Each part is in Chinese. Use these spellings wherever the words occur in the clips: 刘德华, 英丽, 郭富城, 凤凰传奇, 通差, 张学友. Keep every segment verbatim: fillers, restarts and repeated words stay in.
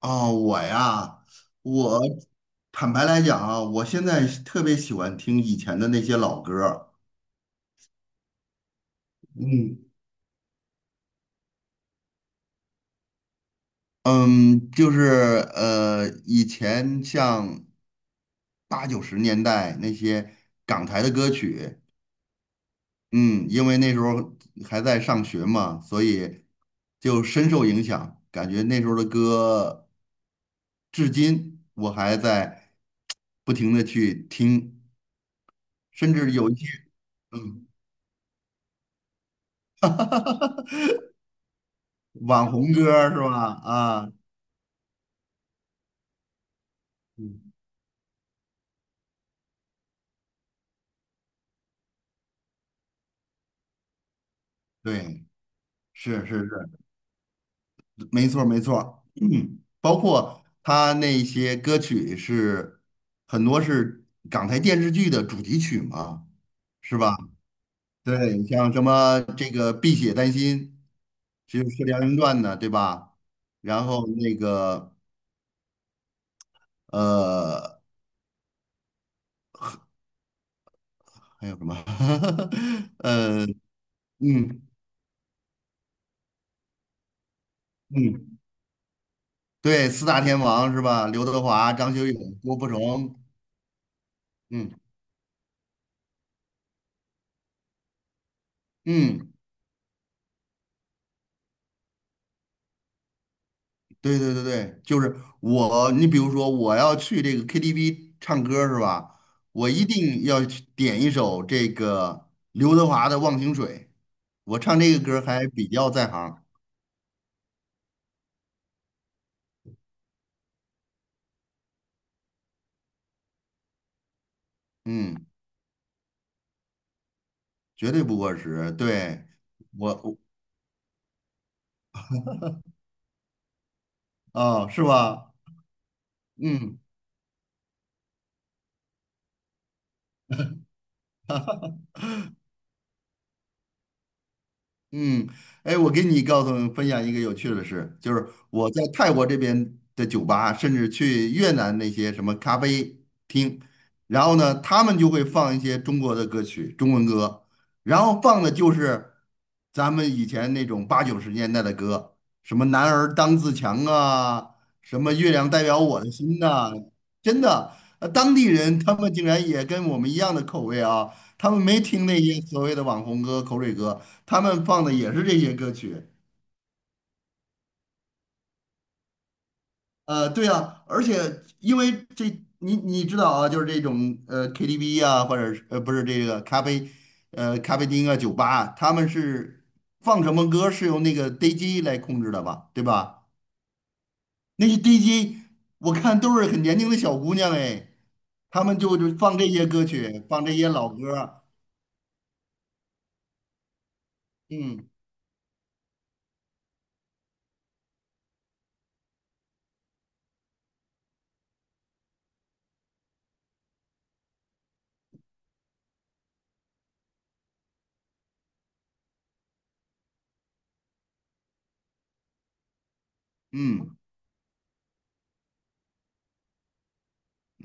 哦，我呀，我坦白来讲啊，我现在是特别喜欢听以前的那些老歌儿。嗯。嗯。就是呃，以前像八九十年代那些港台的歌曲。嗯。因为那时候还在上学嘛，所以就深受影响，感觉那时候的歌至今我还在不停的去听，甚至有一些。嗯。网红歌儿是吧？啊。嗯。对，是是是，没错儿没错儿，包括他那些歌曲是很多是港台电视剧的主题曲嘛，是吧？对，像什么这个《碧血丹心》就是《射雕英雄传的，对吧？然后那个呃，还有什么？呃，嗯。嗯。对，四大天王是吧？刘德华、张学友、郭富城。嗯。嗯。对对对对，就是我，你比如说我要去这个 K T V 唱歌是吧？我一定要去点一首这个刘德华的《忘情水》，我唱这个歌还比较在行。嗯。绝对不过时。对，我，我。哦，是吧？嗯。嗯。哎，我给你告诉分享一个有趣的事，就是我在泰国这边的酒吧，甚至去越南那些什么咖啡厅，然后呢，他们就会放一些中国的歌曲，中文歌，然后放的就是咱们以前那种八九十年代的歌，什么"男儿当自强"啊，什么"月亮代表我的心"呐，真的，呃当地人他们竟然也跟我们一样的口味啊，他们没听那些所谓的网红歌、口水歌，他们放的也是这些歌曲。呃，对啊，而且因为这，你你知道啊，就是这种呃 K T V 啊，或者是呃不是这个咖啡，呃咖啡厅啊、酒吧啊，他们是放什么歌是由那个 D J 来控制的吧，对吧？那些 D J 我看都是很年轻的小姑娘哎，他们就就放这些歌曲，放这些老歌儿。嗯。嗯。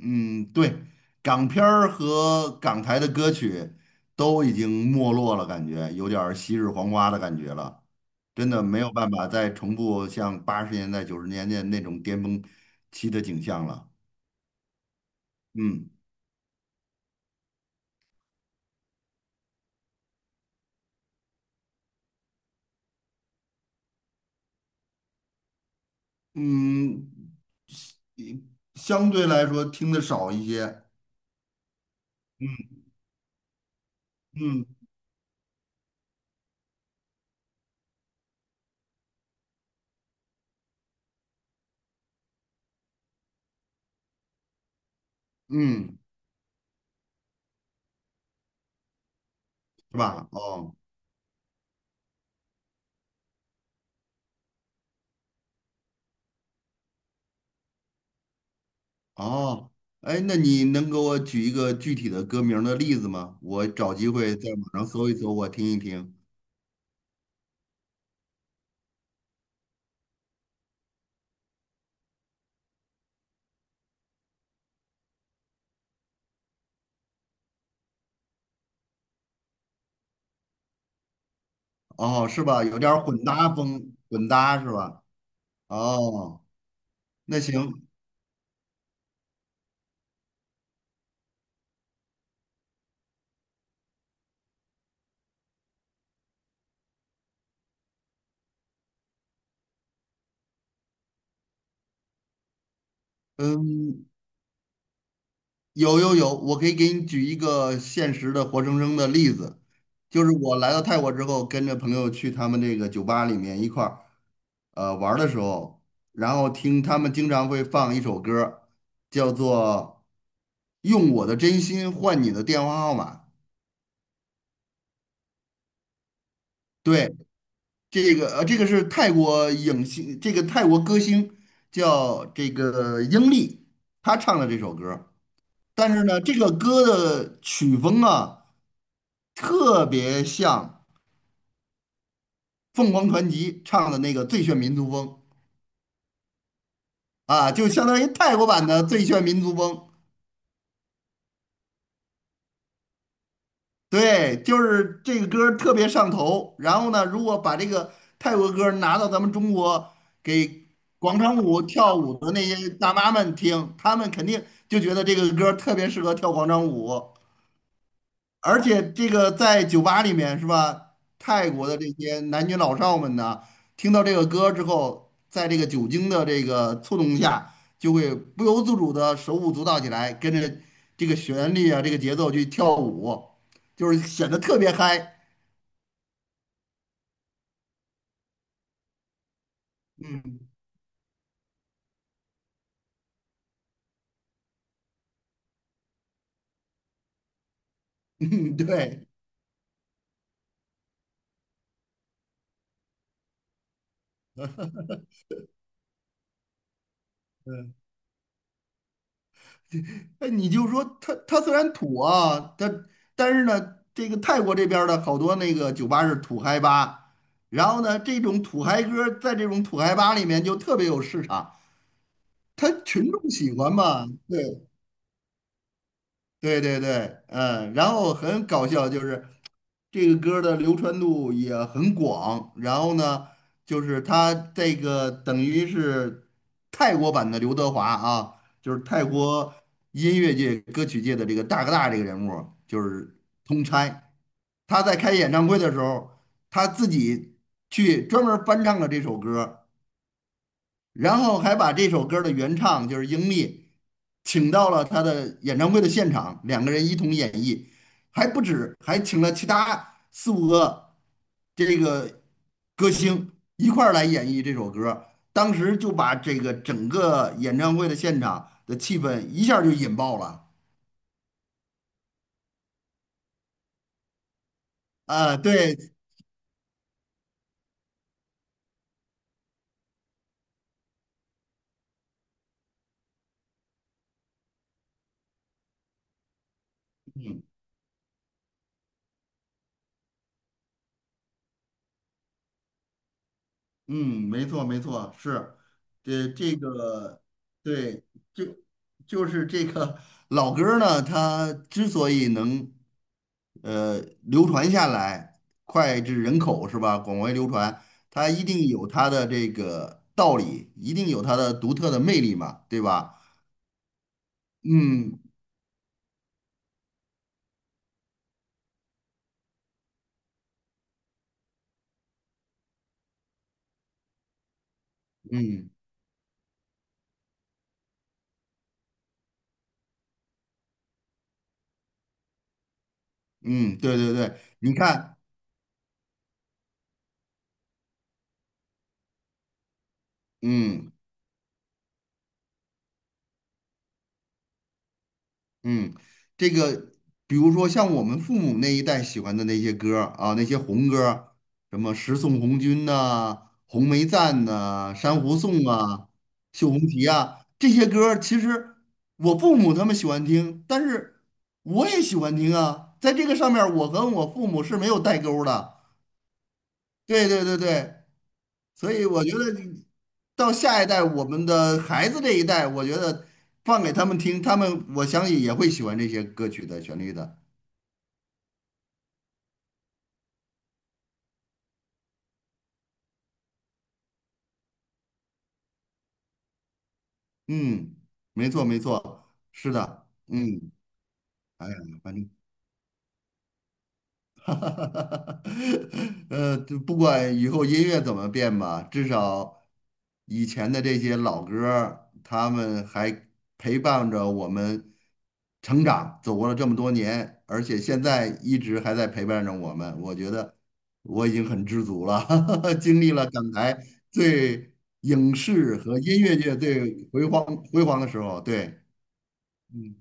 嗯，对，港片儿和港台的歌曲都已经没落了，感觉有点儿昔日黄花的感觉了。真的没有办法再重复像八十年代、九十年代那种巅峰期的景象了。嗯。嗯，一相对来说听的少一些。嗯。嗯，是吧？哦。哦，哎，那你能给我举一个具体的歌名儿的例子吗？我找机会在网上搜一搜，我听一听。哦，是吧？有点儿混搭风，混搭是吧？哦，那行。嗯。有有有，我可以给你举一个现实的活生生的例子，就是我来到泰国之后，跟着朋友去他们这个酒吧里面一块儿呃玩儿的时候，然后听他们经常会放一首歌儿叫做《用我的真心换你的电话号码》。对，这个呃，这个是泰国影星，这个泰国歌星叫这个英丽，她唱的这首歌。但是呢，这个歌的曲风啊，特别像凤凰传奇唱的那个《最炫民族风》啊，就相当于泰国版的《最炫民族风》。对，就是这个歌儿特别上头。然后呢，如果把这个泰国歌儿拿到咱们中国给广场舞跳舞的那些大妈们听，她们肯定就觉得这个歌儿特别适合跳广场舞。而且这个在酒吧里面是吧？泰国的这些男女老少们呢，听到这个歌之后，在这个酒精的这个触动下，就会不由自主的手舞足蹈起来，跟着这个旋律啊，这个节奏去跳舞，就是显得特别嗨。嗯，对。哎，你就说他，他虽然土啊，它但是呢，这个泰国这边儿的好多那个酒吧是土嗨吧，然后呢，这种土嗨歌儿在这种土嗨吧里面就特别有市场，他群众喜欢嘛，对。对对对，嗯，然后很搞笑，就是这个歌儿的流传度也很广，然后呢，就是他这个等于是泰国版的刘德华啊，就是泰国音乐界、歌曲界的这个大哥大这个人物儿就是通差。他在开演唱会的时候，他自己去专门儿翻唱了这首歌儿，然后还把这首歌的原唱就是英利，请到了他的演唱会的现场，两个人一同演绎，还不止，还请了其他四五个这个歌星一块儿来演绎这首歌。当时就把这个整个演唱会的现场的气氛一下儿就引爆了。啊，对。嗯。没错没错，是，这这个，对，就就是这个老歌儿呢，它之所以能呃流传下来，脍炙人口是吧？广为流传，它一定有它的这个道理，一定有它的独特的魅力嘛，对吧？嗯。嗯。嗯。对对对，你看。嗯。嗯，这个比如说像我们父母那一代喜欢的那些歌儿啊，那些红歌儿，什么《十送红军》呐、《红梅赞》呐、《珊瑚颂》啊、《绣红旗》啊，这些歌儿其实我父母他们喜欢听，但是我也喜欢听啊。在这个上面儿我跟我父母是没有代沟儿的。对对对对，所以我觉得到下一代，我们的孩子这一代，我觉得放给他们听，他们我相信也会喜欢这些歌曲的旋律的。嗯，没错没错，是的。嗯。哎呀，反正。哈，呃，就不管以后音乐怎么变吧，至少以前的这些老歌儿他们还陪伴着我们成长，走过了这么多年，而且现在一直还在陪伴着我们。我觉得我已经很知足了，经历了港台最影视和音乐界最辉煌辉煌的时候。对。嗯。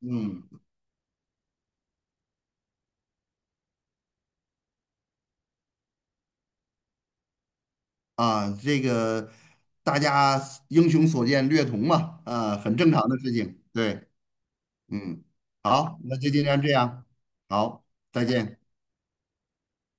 嗯。啊，这个大家英雄所见略同嘛，啊，很正常的事情。对。嗯。好，那就尽量这样。好，再见。